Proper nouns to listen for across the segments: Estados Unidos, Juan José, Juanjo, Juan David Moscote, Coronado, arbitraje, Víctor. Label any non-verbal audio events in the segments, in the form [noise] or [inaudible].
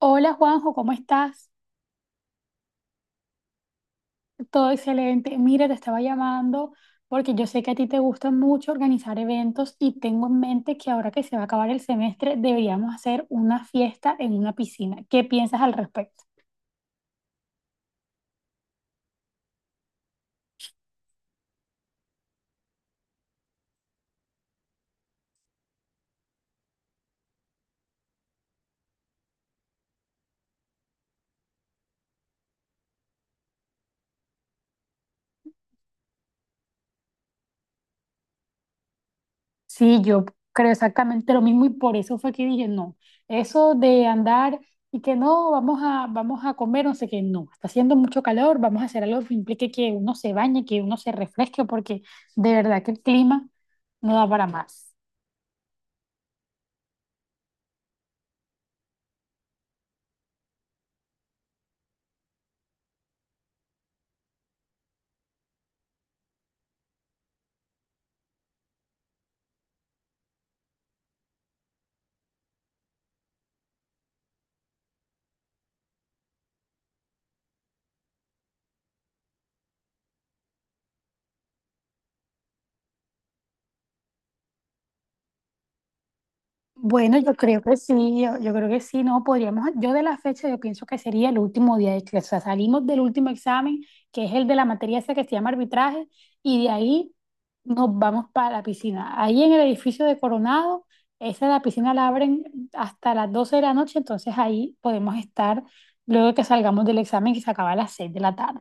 Hola Juanjo, ¿cómo estás? Todo excelente. Mira, te estaba llamando porque yo sé que a ti te gusta mucho organizar eventos y tengo en mente que ahora que se va a acabar el semestre deberíamos hacer una fiesta en una piscina. ¿Qué piensas al respecto? Sí, yo creo exactamente lo mismo y por eso fue que dije no. Eso de andar y que no, vamos a comer, no sé qué, no. Está haciendo mucho calor, vamos a hacer algo que implique que uno se bañe, que uno se refresque porque de verdad que el clima no da para más. Bueno, yo creo que sí, yo creo que sí, no podríamos, yo de la fecha yo pienso que sería el último día de clase, o sea, salimos del último examen, que es el de la materia esa que se llama arbitraje, y de ahí nos vamos para la piscina. Ahí en el edificio de Coronado, esa la piscina la abren hasta las 12 de la noche, entonces ahí podemos estar luego de que salgamos del examen que se acaba a las 6 de la tarde.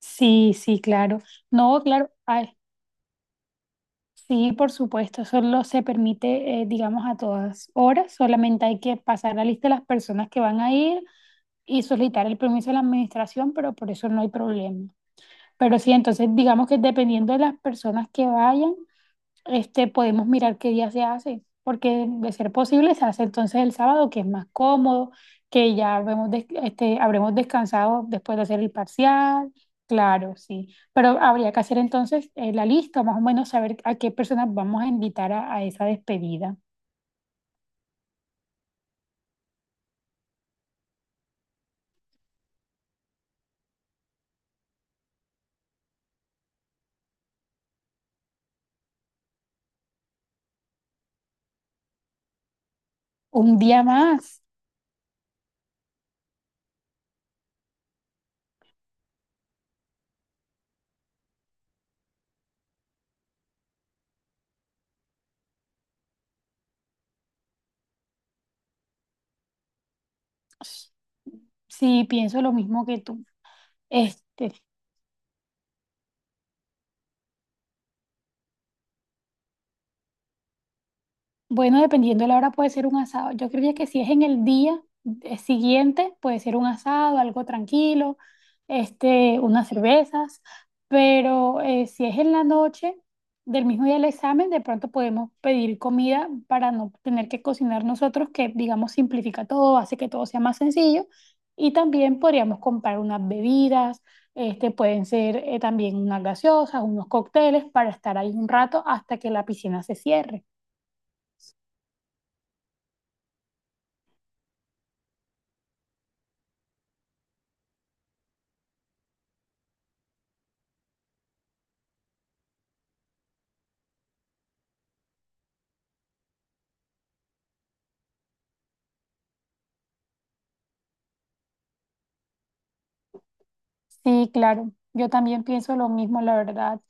Sí, sí, claro. No, claro, ay. Sí, por supuesto, eso lo se permite, digamos, a todas horas. Solamente hay que pasar la lista de las personas que van a ir y solicitar el permiso de la administración, pero por eso no hay problema. Pero sí, entonces digamos que dependiendo de las personas que vayan, podemos mirar qué día se hace, porque de ser posible se hace entonces el sábado, que es más cómodo, que ya habremos, habremos descansado después de hacer el parcial, claro, sí, pero habría que hacer entonces la lista, más o menos saber a qué personas vamos a invitar a esa despedida. Un día más, sí, pienso lo mismo que tú. Este, Bueno, dependiendo de la hora puede ser un asado. Yo creía que si es en el día siguiente puede ser un asado, algo tranquilo, unas cervezas, pero si es en la noche del mismo día del examen, de pronto podemos pedir comida para no tener que cocinar nosotros, que digamos simplifica todo, hace que todo sea más sencillo. Y también podríamos comprar unas bebidas, pueden ser también unas gaseosas, unos cócteles para estar ahí un rato hasta que la piscina se cierre. Sí, claro, yo también pienso lo mismo, la verdad.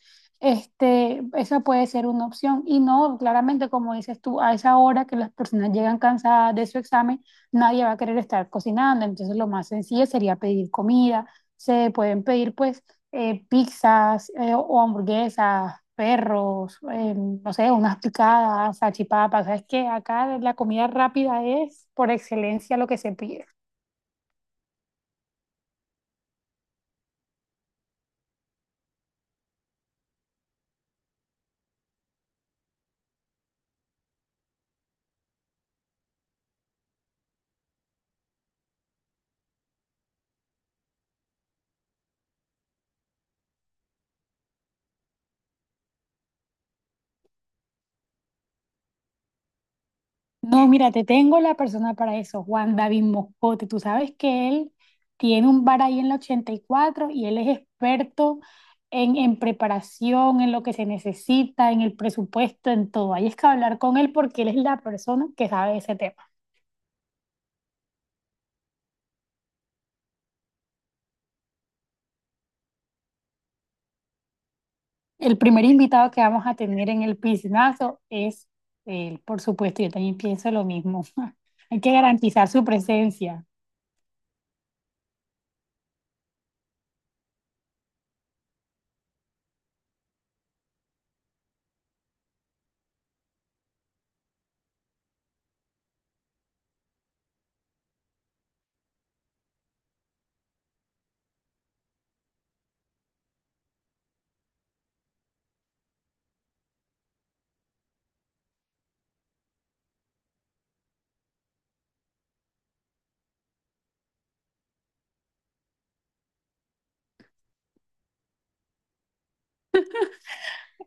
Esa puede ser una opción. Y no, claramente, como dices tú, a esa hora que las personas llegan cansadas de su examen, nadie va a querer estar cocinando. Entonces, lo más sencillo sería pedir comida. Se pueden pedir, pues, pizzas o hamburguesas, perros, no sé, unas picadas, salchipapas. Sabes que acá la comida rápida es por excelencia lo que se pide. No, mira, te tengo la persona para eso, Juan David Moscote. Tú sabes que él tiene un bar ahí en la 84 y cuatro y él es experto en preparación, en lo que se necesita, en el presupuesto, en todo. Ahí es que hablar con él porque él es la persona que sabe ese tema. El primer invitado que vamos a tener en el piscinazo es él, por supuesto. Yo también pienso lo mismo. [laughs] Hay que garantizar su presencia.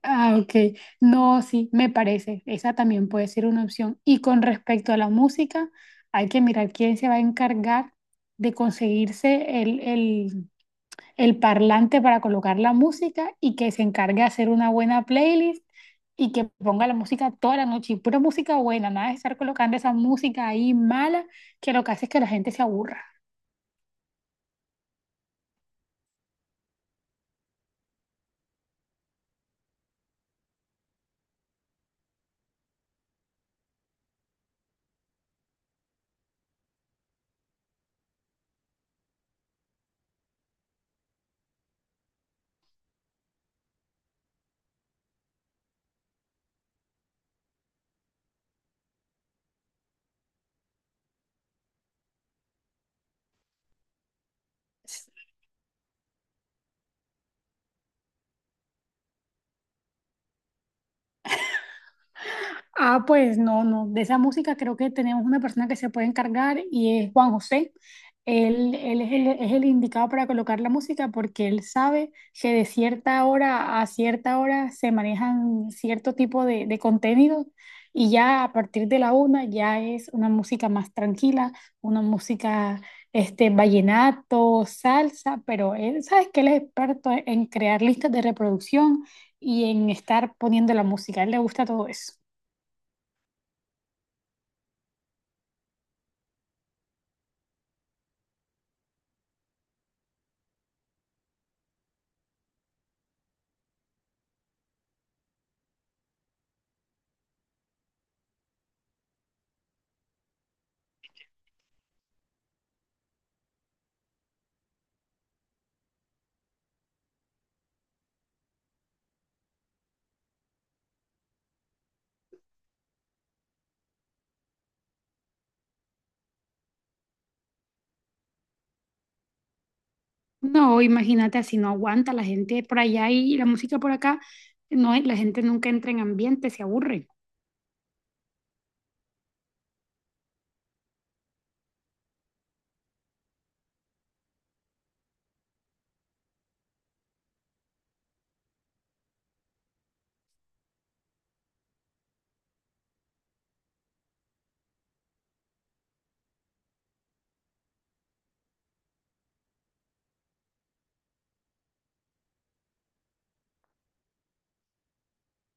Ah, ok. No, sí, me parece. Esa también puede ser una opción. Y con respecto a la música, hay que mirar quién se va a encargar de conseguirse el parlante para colocar la música y que se encargue de hacer una buena playlist y que ponga la música toda la noche. Y pura música buena, nada de estar colocando esa música ahí mala que lo que hace es que la gente se aburra. Ah, pues no, no. De esa música creo que tenemos una persona que se puede encargar y es Juan José. Él es el indicado para colocar la música porque él sabe que de cierta hora a cierta hora se manejan cierto tipo de contenido y ya a partir de la una ya es una música más tranquila, una música vallenato, salsa, pero él sabes que él es experto en crear listas de reproducción y en estar poniendo la música. A él le gusta todo eso. No, imagínate, así no aguanta la gente por allá y la música por acá, no, la gente nunca entra en ambiente, se aburre.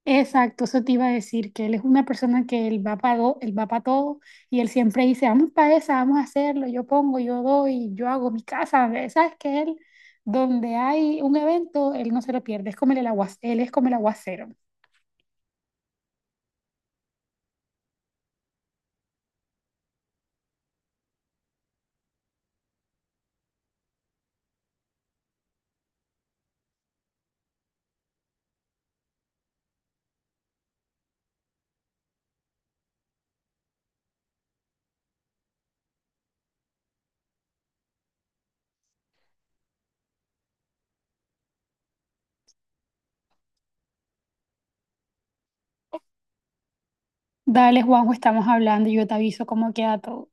Exacto, eso te iba a decir, que él es una persona que él va para él va pa' todo y él siempre dice, vamos para esa, vamos a hacerlo, yo pongo, yo doy, yo hago mi casa. Sabes que él, donde hay un evento, él no se lo pierde, es como agua, él es como el aguacero. Dale, Juanjo, estamos hablando y yo te aviso cómo queda todo.